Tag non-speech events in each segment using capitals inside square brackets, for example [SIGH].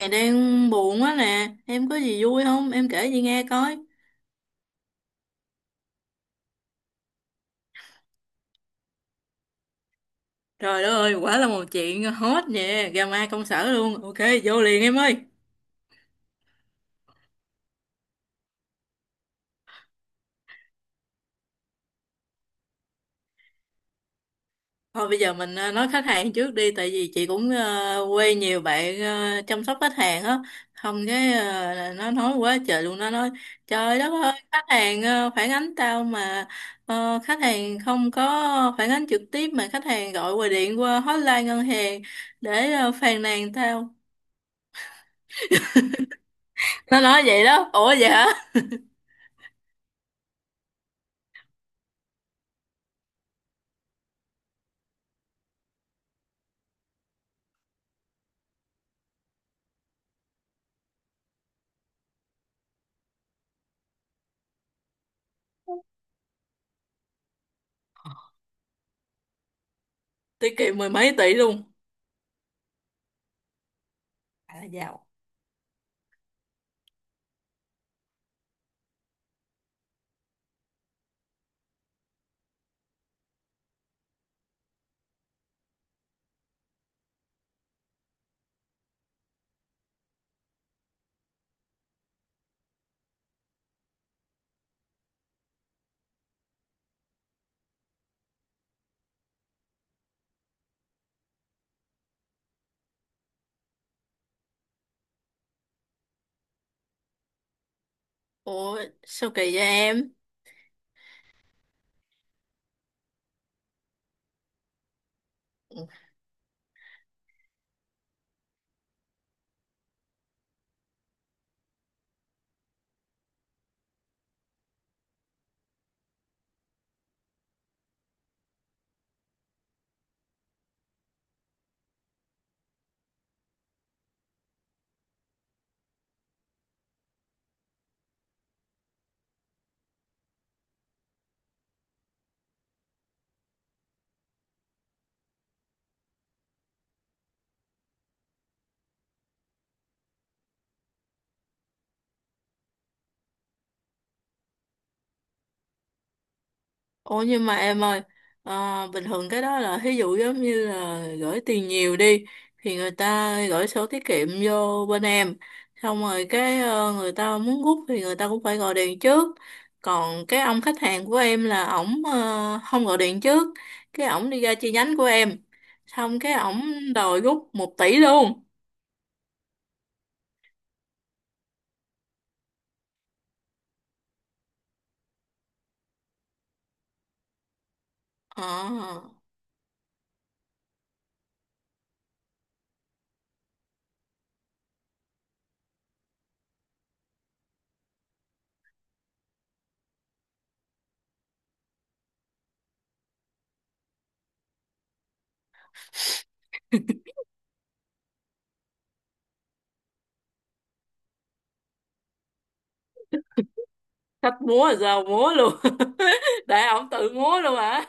Mày đang buồn quá nè, em có gì vui không? Em kể chị nghe coi. Trời đất ơi, quả là một chuyện hot nè, drama công sở luôn. Ok, vô liền em ơi. Thôi bây giờ mình nói khách hàng trước đi, tại vì chị cũng quê nhiều bạn chăm sóc khách hàng á. Không cái là nó nói quá trời luôn, nó nói trời đất ơi, khách hàng phản ánh tao mà khách hàng không có phản ánh trực tiếp mà khách hàng gọi qua điện qua hotline ngân hàng để phàn nàn tao, nó nói vậy đó. Ủa vậy hả? Tiết kiệm mười mấy tỷ luôn? Phải là giàu. Ủa sao kỳ vậy em? Ủa nhưng mà em ơi, bình thường cái đó là ví dụ giống như là gửi tiền nhiều đi thì người ta gửi sổ tiết kiệm vô bên em, xong rồi cái người ta muốn rút thì người ta cũng phải gọi điện trước. Còn cái ông khách hàng của em là ổng không gọi điện trước, cái ổng đi ra chi nhánh của em, xong cái ổng đòi rút một tỷ luôn. Ờ. Thích múa giờ múa luôn. [LAUGHS] Để ổng tự múa luôn hả?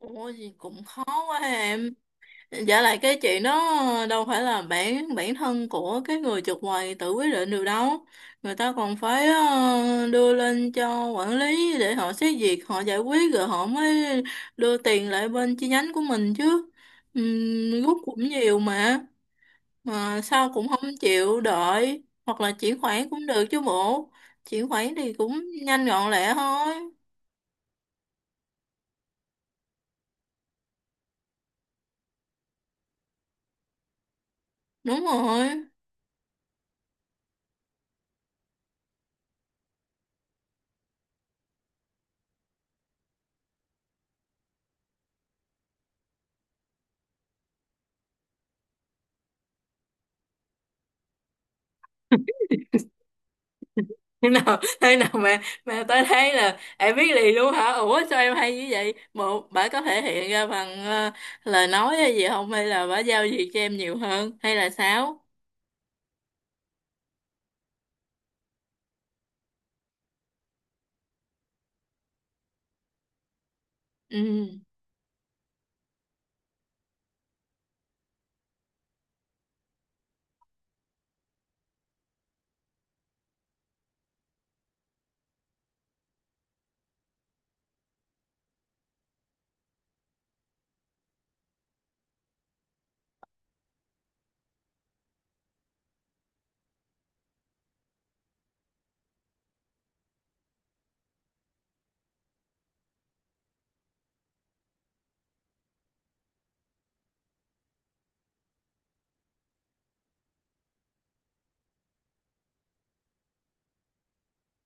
Ủa gì cũng khó quá em. Dạ lại cái chuyện đó đâu phải là bản bản thân của cái người chụp quầy tự quyết định được đâu. Người ta còn phải đưa lên cho quản lý để họ xét duyệt, họ giải quyết rồi họ mới đưa tiền lại bên chi nhánh của mình chứ. Rút cũng nhiều mà. Ờ, sao cũng không chịu đợi hoặc là chuyển khoản cũng được chứ bộ, chuyển khoản thì cũng nhanh gọn lẹ thôi. Đúng rồi. [LAUGHS] Thế nào thế nào mà tôi thấy là em biết liền luôn hả? Ủa sao em hay như vậy? Một bà có thể hiện ra bằng lời nói hay gì không, hay là bà giao việc cho em nhiều hơn hay là sao? Ừ.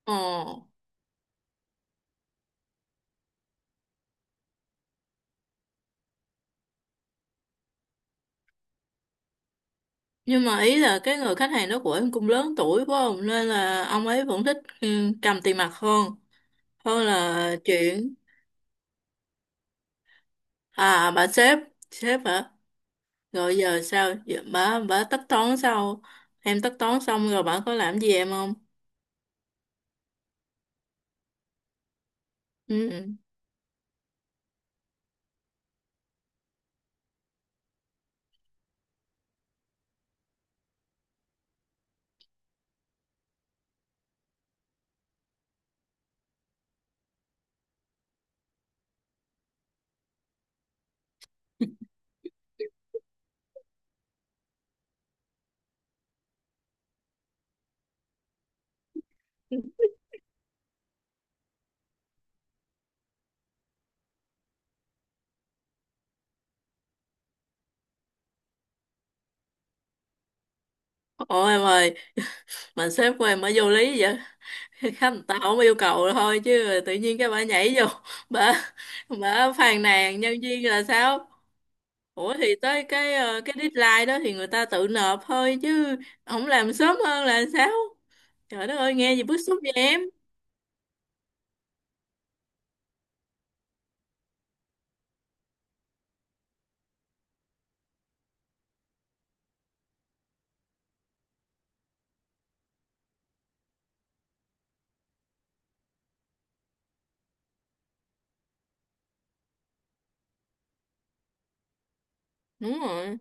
Ồ. Nhưng mà ý là cái người khách hàng đó của em cũng lớn tuổi quá không, nên là ông ấy vẫn thích ừ, cầm tiền mặt hơn, hơn là chuyển. À bà sếp, sếp hả? Rồi giờ sao? Giờ bà tất toán sao? Em tất toán xong rồi bà có làm gì em không? Ừ. Ủa em ơi, mà sếp của em bà vô lý vậy? [LAUGHS] Khách người ta không yêu cầu thôi chứ tự nhiên cái bà nhảy vô, [LAUGHS] bà bà phàn nàn nhân viên là sao? Ủa thì tới cái cái deadline đó thì người ta tự nộp thôi chứ, không làm sớm hơn là sao? Trời đất ơi nghe gì bức xúc vậy em? Đúng rồi.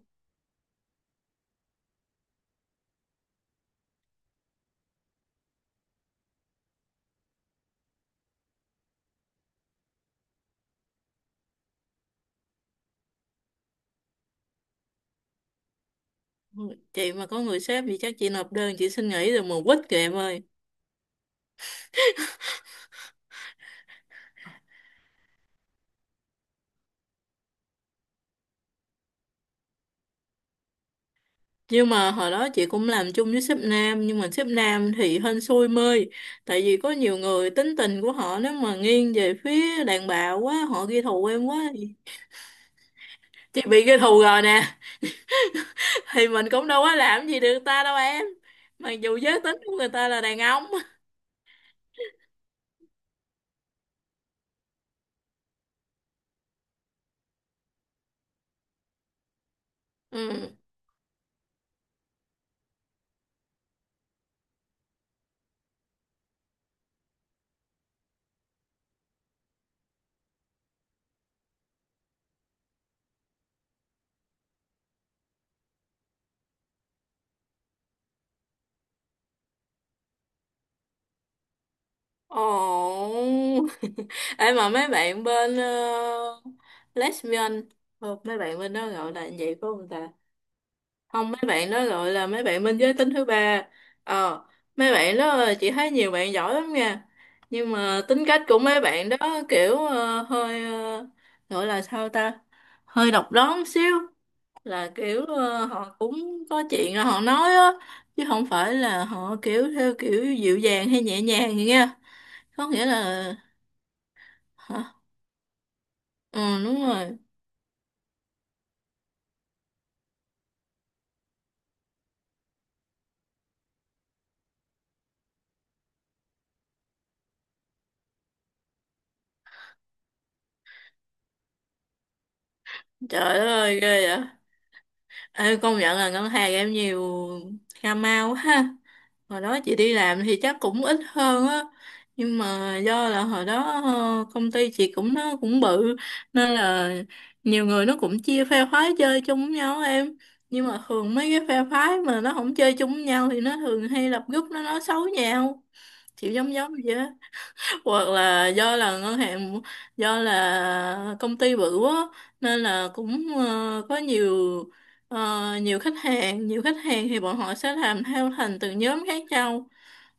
Chị mà có người sếp thì chắc chị nộp đơn chị xin nghỉ rồi mà quýt kìa em ơi. Nhưng mà hồi đó chị cũng làm chung với sếp nam, nhưng mà sếp nam thì hên xui mơi, tại vì có nhiều người tính tình của họ nếu mà nghiêng về phía đàn bà quá, họ ghi thù em quá thì, chị bị ghi thù rồi nè. [LAUGHS] Thì mình cũng đâu có làm gì được ta đâu em, mặc dù giới tính của người ta là đàn ông. Ừ. Ồ. [LAUGHS] Em mà mấy bạn bên lesbian, không mấy bạn bên đó gọi là như vậy phải không ta, không mấy bạn đó gọi là mấy bạn bên giới tính thứ ba, ờ, mấy bạn đó chị thấy nhiều bạn giỏi lắm nha. Nhưng mà tính cách của mấy bạn đó kiểu gọi là sao ta, hơi độc đoán xíu, là kiểu họ cũng có chuyện rồi họ nói á, chứ không phải là họ kiểu theo kiểu dịu dàng hay nhẹ nhàng gì nha, có nghĩa là, hả, ừ đúng rồi. Trời đất ơi ghê vậy. Ê, công nhận là ngân hàng em nhiều cà mau ha. Hồi đó chị đi làm thì chắc cũng ít hơn á, nhưng mà do là hồi đó công ty chị cũng nó cũng bự, nên là nhiều người nó cũng chia phe phái chơi chung với nhau em. Nhưng mà thường mấy cái phe phái mà nó không chơi chung với nhau thì nó thường hay lập group nó nói xấu nhau, kiểu giống giống vậy. Hoặc là do là ngân hàng, do là công ty bự quá, nên là cũng có nhiều nhiều khách hàng, nhiều khách hàng thì bọn họ sẽ làm theo thành từng nhóm khác nhau,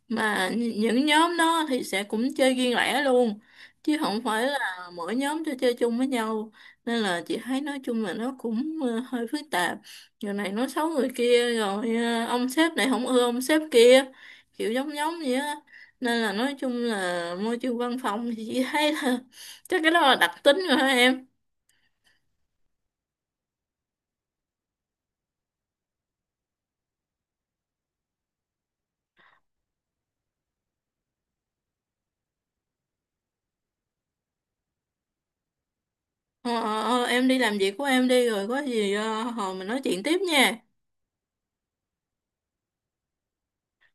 mà những nhóm đó thì sẽ cũng chơi riêng lẻ luôn, chứ không phải là mỗi nhóm cho chơi chung với nhau. Nên là chị thấy nói chung là nó cũng hơi phức tạp, giờ này nói xấu người kia rồi ông sếp này không ưa ông sếp kia, kiểu giống giống vậy á. Nên là nói chung là môi trường văn phòng thì chị [LAUGHS] thấy là chắc cái đó là đặc tính rồi hả em. Ờ, em đi làm việc của em đi, rồi có gì hồi mình nói chuyện tiếp nha.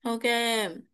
Ok em.